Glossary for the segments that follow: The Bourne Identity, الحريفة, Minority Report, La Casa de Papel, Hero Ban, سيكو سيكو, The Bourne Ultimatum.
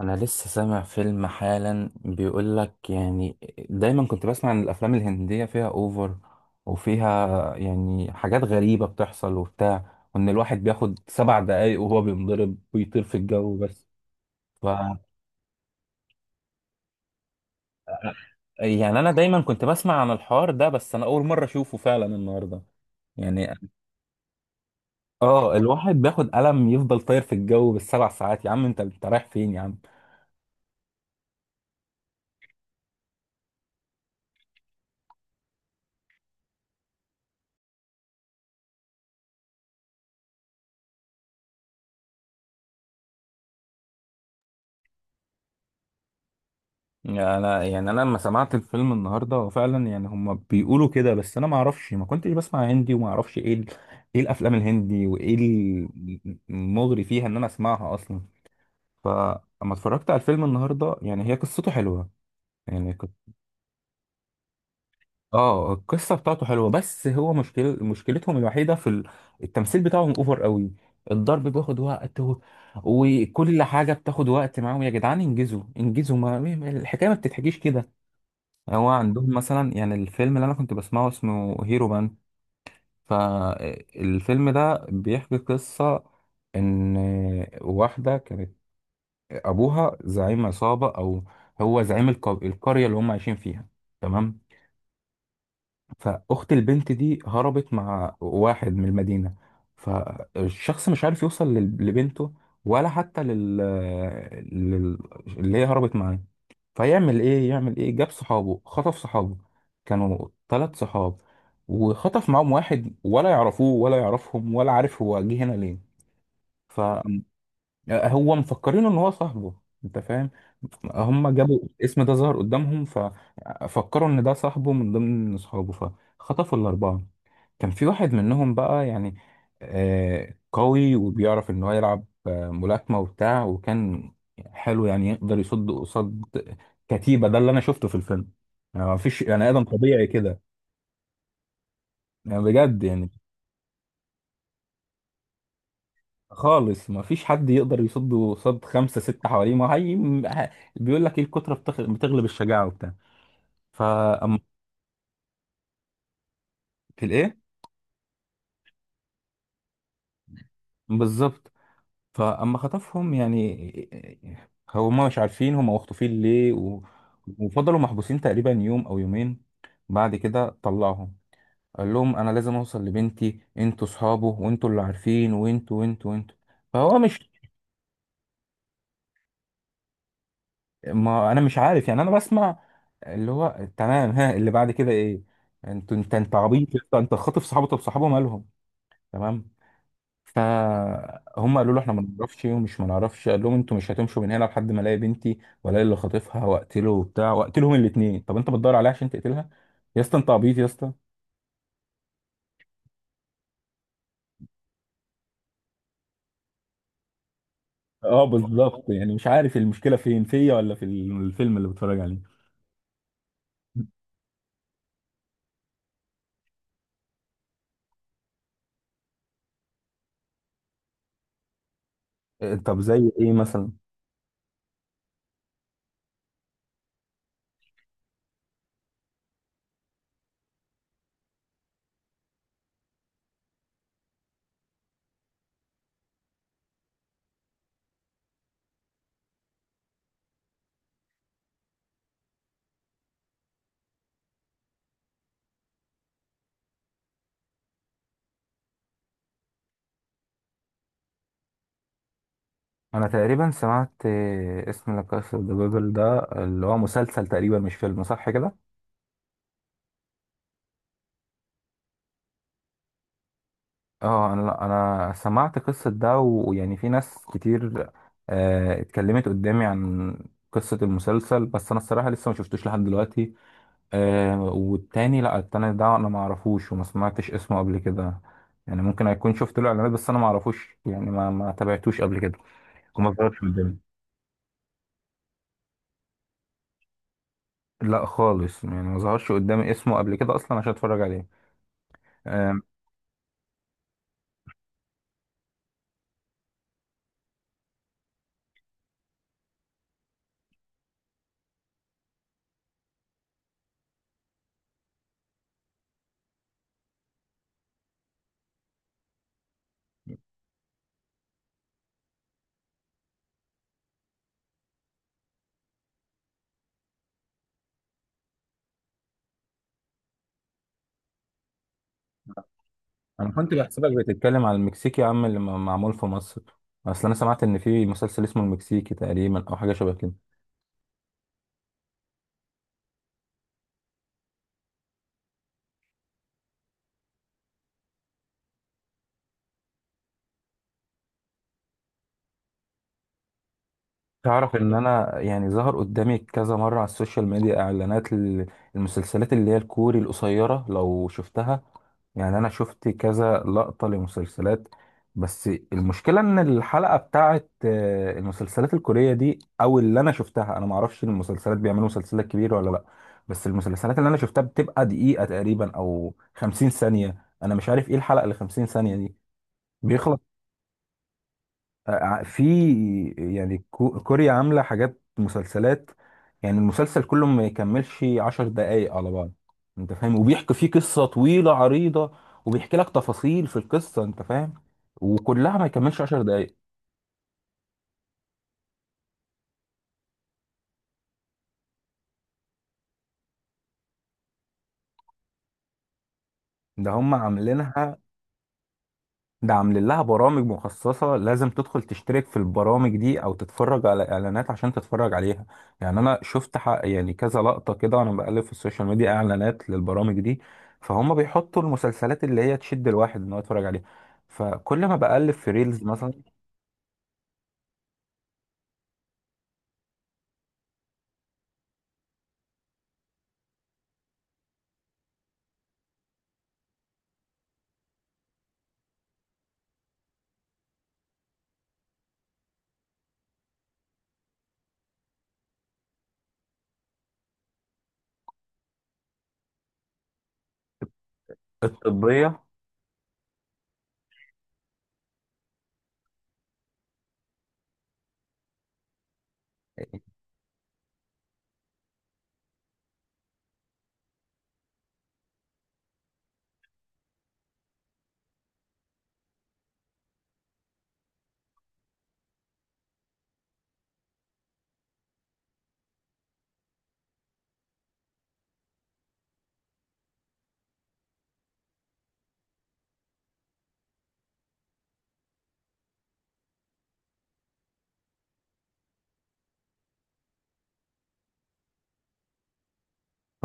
انا لسه سامع فيلم حالا بيقول لك يعني. دايما كنت بسمع ان الافلام الهندية فيها اوفر، وفيها يعني حاجات غريبة بتحصل وبتاع، وان الواحد بياخد 7 دقايق وهو بينضرب ويطير في الجو بس. ف يعني انا دايما كنت بسمع عن الحوار ده، بس انا اول مرة اشوفه فعلا النهاردة يعني. اه، الواحد بياخد قلم يفضل طاير في الجو بالسبع ساعات. يا عم انت رايح فين يا عم؟ يعني انا لما سمعت الفيلم النهارده هو فعلا يعني هم بيقولوا كده، بس انا ما اعرفش، ما كنتش بسمع هندي وما اعرفش ايه ايه الافلام الهندي وايه المغري فيها ان انا اسمعها اصلا. فلما اتفرجت على الفيلم النهارده يعني هي قصته حلوه، يعني كنت. اه، القصه بتاعته حلوه، بس هو مشكلتهم الوحيده في التمثيل بتاعهم اوفر قوي. الضرب بياخد وقت وكل حاجه بتاخد وقت معاهم. يا جدعان انجزوا انجزوا، ما الحكايه ما بتتحكيش كده. هو عندهم مثلا، يعني الفيلم اللي انا كنت بسمعه اسمه هيرو بان. فالفيلم ده بيحكي قصة ان واحدة كانت ابوها زعيم عصابة، او هو زعيم القرية اللي هم عايشين فيها. تمام. فاخت البنت دي هربت مع واحد من المدينه، فالشخص مش عارف يوصل لبنته، ولا حتى لل... اللي هي هربت معاه. فيعمل ايه؟ يعمل ايه؟ جاب صحابه، خطف صحابه. كانوا 3 صحاب، وخطف معاهم واحد، ولا يعرفوه ولا يعرفهم ولا عارف هو جه هنا ليه. فما هو مفكرينه ان هو صاحبه. انت فاهم، هم جابوا الاسم ده ظهر قدامهم ففكروا ان ده صاحبه من ضمن اصحابه. فخطفوا الاربعه. كان في واحد منهم بقى يعني قوي، وبيعرف ان هو يلعب ملاكمه وبتاع، وكان حلو يعني يقدر يصد قصاد كتيبه. ده اللي انا شفته في الفيلم. يعني مفيش يعني ادم طبيعي كده، يعني بجد يعني. خالص، ما فيش حد يقدر يصد صد خمسة ستة حواليه. ما هي ه- بيقول لك ايه، الكترة بتغلب الشجاعة وبتاع. فأما في الايه؟ بالظبط. فأما خطفهم، يعني هما مش عارفين هما مخطوفين ليه وفضلوا محبوسين تقريبا يوم أو يومين. بعد كده طلعهم قال لهم أنا لازم أوصل لبنتي، أنتوا صحابه وأنتوا اللي عارفين، وأنتوا وأنتوا وأنتوا. فهو مش ما انا مش عارف يعني، انا بسمع اللي هو تمام، ها اللي بعد كده ايه. انت عبيط يا اسطى، انت خاطف صحابه، طب صحابه مالهم؟ تمام. فهم قالوا له احنا ما نعرفش، ومش ما نعرفش. قال لهم انتوا مش هتمشوا من هنا لحد ما الاقي بنتي، والاقي اللي خاطفها واقتله وبتاع واقتلهم الاثنين. طب انت بتدور عليها عشان تقتلها. يا اسطى انت عبيط يا اسطى. اه، بالظبط، يعني مش عارف المشكله فين، فيا ولا في الفيلم اللي بتفرج عليه. طب زي ايه مثلا؟ انا تقريبا سمعت اسم لا كاسا دي بابل، ده اللي هو مسلسل تقريبا مش فيلم، صح كده؟ اه، انا لا، انا سمعت قصة ده، ويعني في ناس كتير اتكلمت قدامي عن قصة المسلسل، بس انا الصراحة لسه ما شفتوش لحد دلوقتي. والتاني لا، التاني ده انا ما اعرفوش وما سمعتش اسمه قبل كده. يعني ممكن اكون شفت له اعلانات، بس انا ما اعرفوش، يعني ما تابعتوش قبل كده، وما ظهرش قدامي. لا خالص يعني، ما ظهرش قدامي اسمه قبل كده اصلا عشان اتفرج عليه. آه، انا كنت بحسبك بتتكلم على المكسيكي يا عم، اللي معمول في مصر. اصل انا سمعت ان في مسلسل اسمه المكسيكي تقريبا او حاجه شبه كده. تعرف ان انا يعني ظهر قدامي كذا مره على السوشيال ميديا اعلانات المسلسلات اللي هي الكوري القصيره، لو شفتها. يعني انا شفت كذا لقطه لمسلسلات، بس المشكله ان الحلقه بتاعت المسلسلات الكوريه دي، او اللي انا شفتها، انا ما اعرفش المسلسلات بيعملوا مسلسلات كبيره ولا لا. بس المسلسلات اللي انا شفتها بتبقى دقيقه تقريبا او 50 ثانيه. انا مش عارف ايه الحلقه اللي 50 ثانيه دي. في يعني كوريا عاملة حاجات مسلسلات، يعني المسلسل كله ما يكملش 10 دقايق على بعض. انت فاهم، وبيحكي فيه قصة طويلة عريضة، وبيحكي لك تفاصيل في القصة. انت فاهم، وكلها ما يكملش 10 دقايق. ده هم عاملينها، ده عاملين لها برامج مخصصة، لازم تدخل تشترك في البرامج دي أو تتفرج على إعلانات عشان تتفرج عليها. يعني أنا شفت حق يعني كذا لقطة كده وأنا بقلب في السوشيال ميديا إعلانات للبرامج دي. فهم بيحطوا المسلسلات اللي هي تشد الواحد إن هو يتفرج عليها، فكل ما بقلب في ريلز مثلا. الطبية.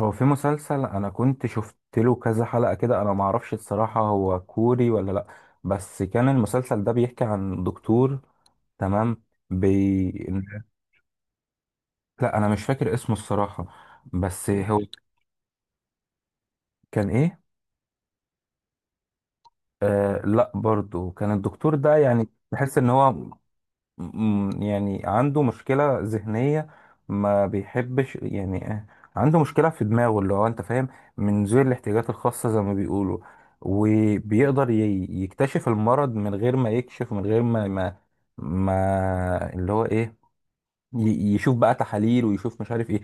هو في مسلسل أنا كنت شفت له كذا حلقة كده، أنا معرفش الصراحة هو كوري ولا لأ، بس كان المسلسل ده بيحكي عن دكتور. تمام. بي... لا، انا مش فاكر اسمه الصراحه، بس هو كان ايه. آه لا، برضو كان الدكتور ده يعني بحس ان هو يعني عنده مشكله ذهنيه، ما بيحبش يعني عنده مشكله في دماغه، اللي هو انت فاهم من ذوي الاحتياجات الخاصه زي ما بيقولوا. وبيقدر يكتشف المرض من غير ما يكشف، من غير ما ما اللي هو ايه يشوف بقى تحاليل ويشوف مش عارف ايه.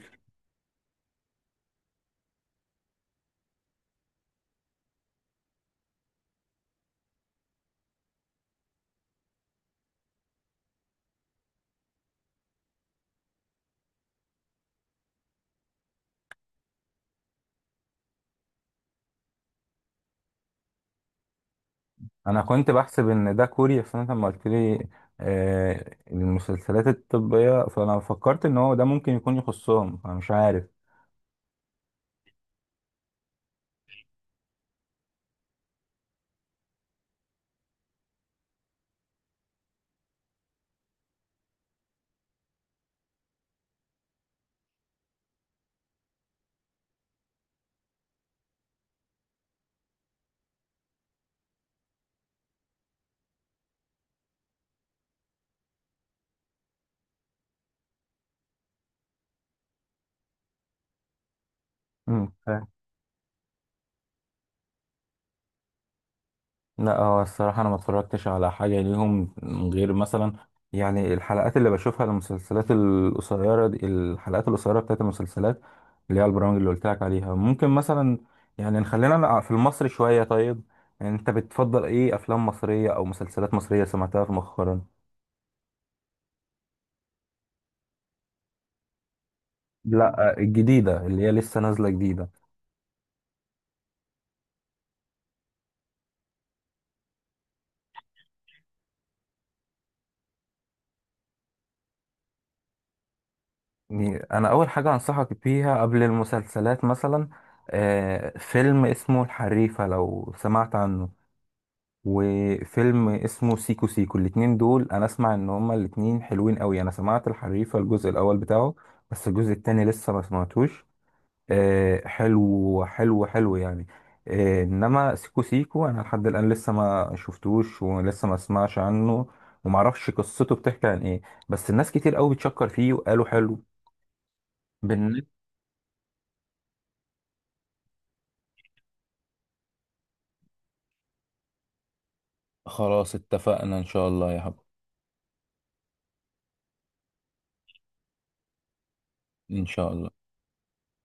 انا كنت بحسب ان ده كوري، بس انت لما قلت لي المسلسلات الطبية، فانا فكرت ان هو ده ممكن يكون يخصهم، انا مش عارف. فاهم. لا، هو الصراحة انا ما اتفرجتش على حاجة ليهم غير مثلا، يعني الحلقات اللي بشوفها، المسلسلات القصيرة دي، الحلقات القصيرة بتاعت المسلسلات اللي هي البرامج اللي قلت لك عليها ممكن مثلا. يعني نخلينا في المصري شوية، طيب انت بتفضل ايه، افلام مصرية او مسلسلات مصرية سمعتها في مؤخرا؟ لا، الجديدة اللي هي لسه نازلة جديدة. يعني أنا أول حاجة أنصحك بيها قبل المسلسلات مثلا، فيلم اسمه الحريفة لو سمعت عنه، وفيلم اسمه سيكو سيكو. الاتنين دول أنا أسمع إن هما الاتنين حلوين أوي، أنا سمعت الحريفة الجزء الأول بتاعه، بس الجزء التاني لسه ما سمعتوش. حلو حلو حلو يعني. انما سيكو سيكو انا لحد الان لسه ما شفتوش، ولسه ما اسمعش عنه وما اعرفش قصته بتحكي عن ايه. بس الناس كتير قوي بتشكر فيه وقالوا حلو. بالنسبة. خلاص، اتفقنا ان شاء الله يا حبيبي. ان شاء الله.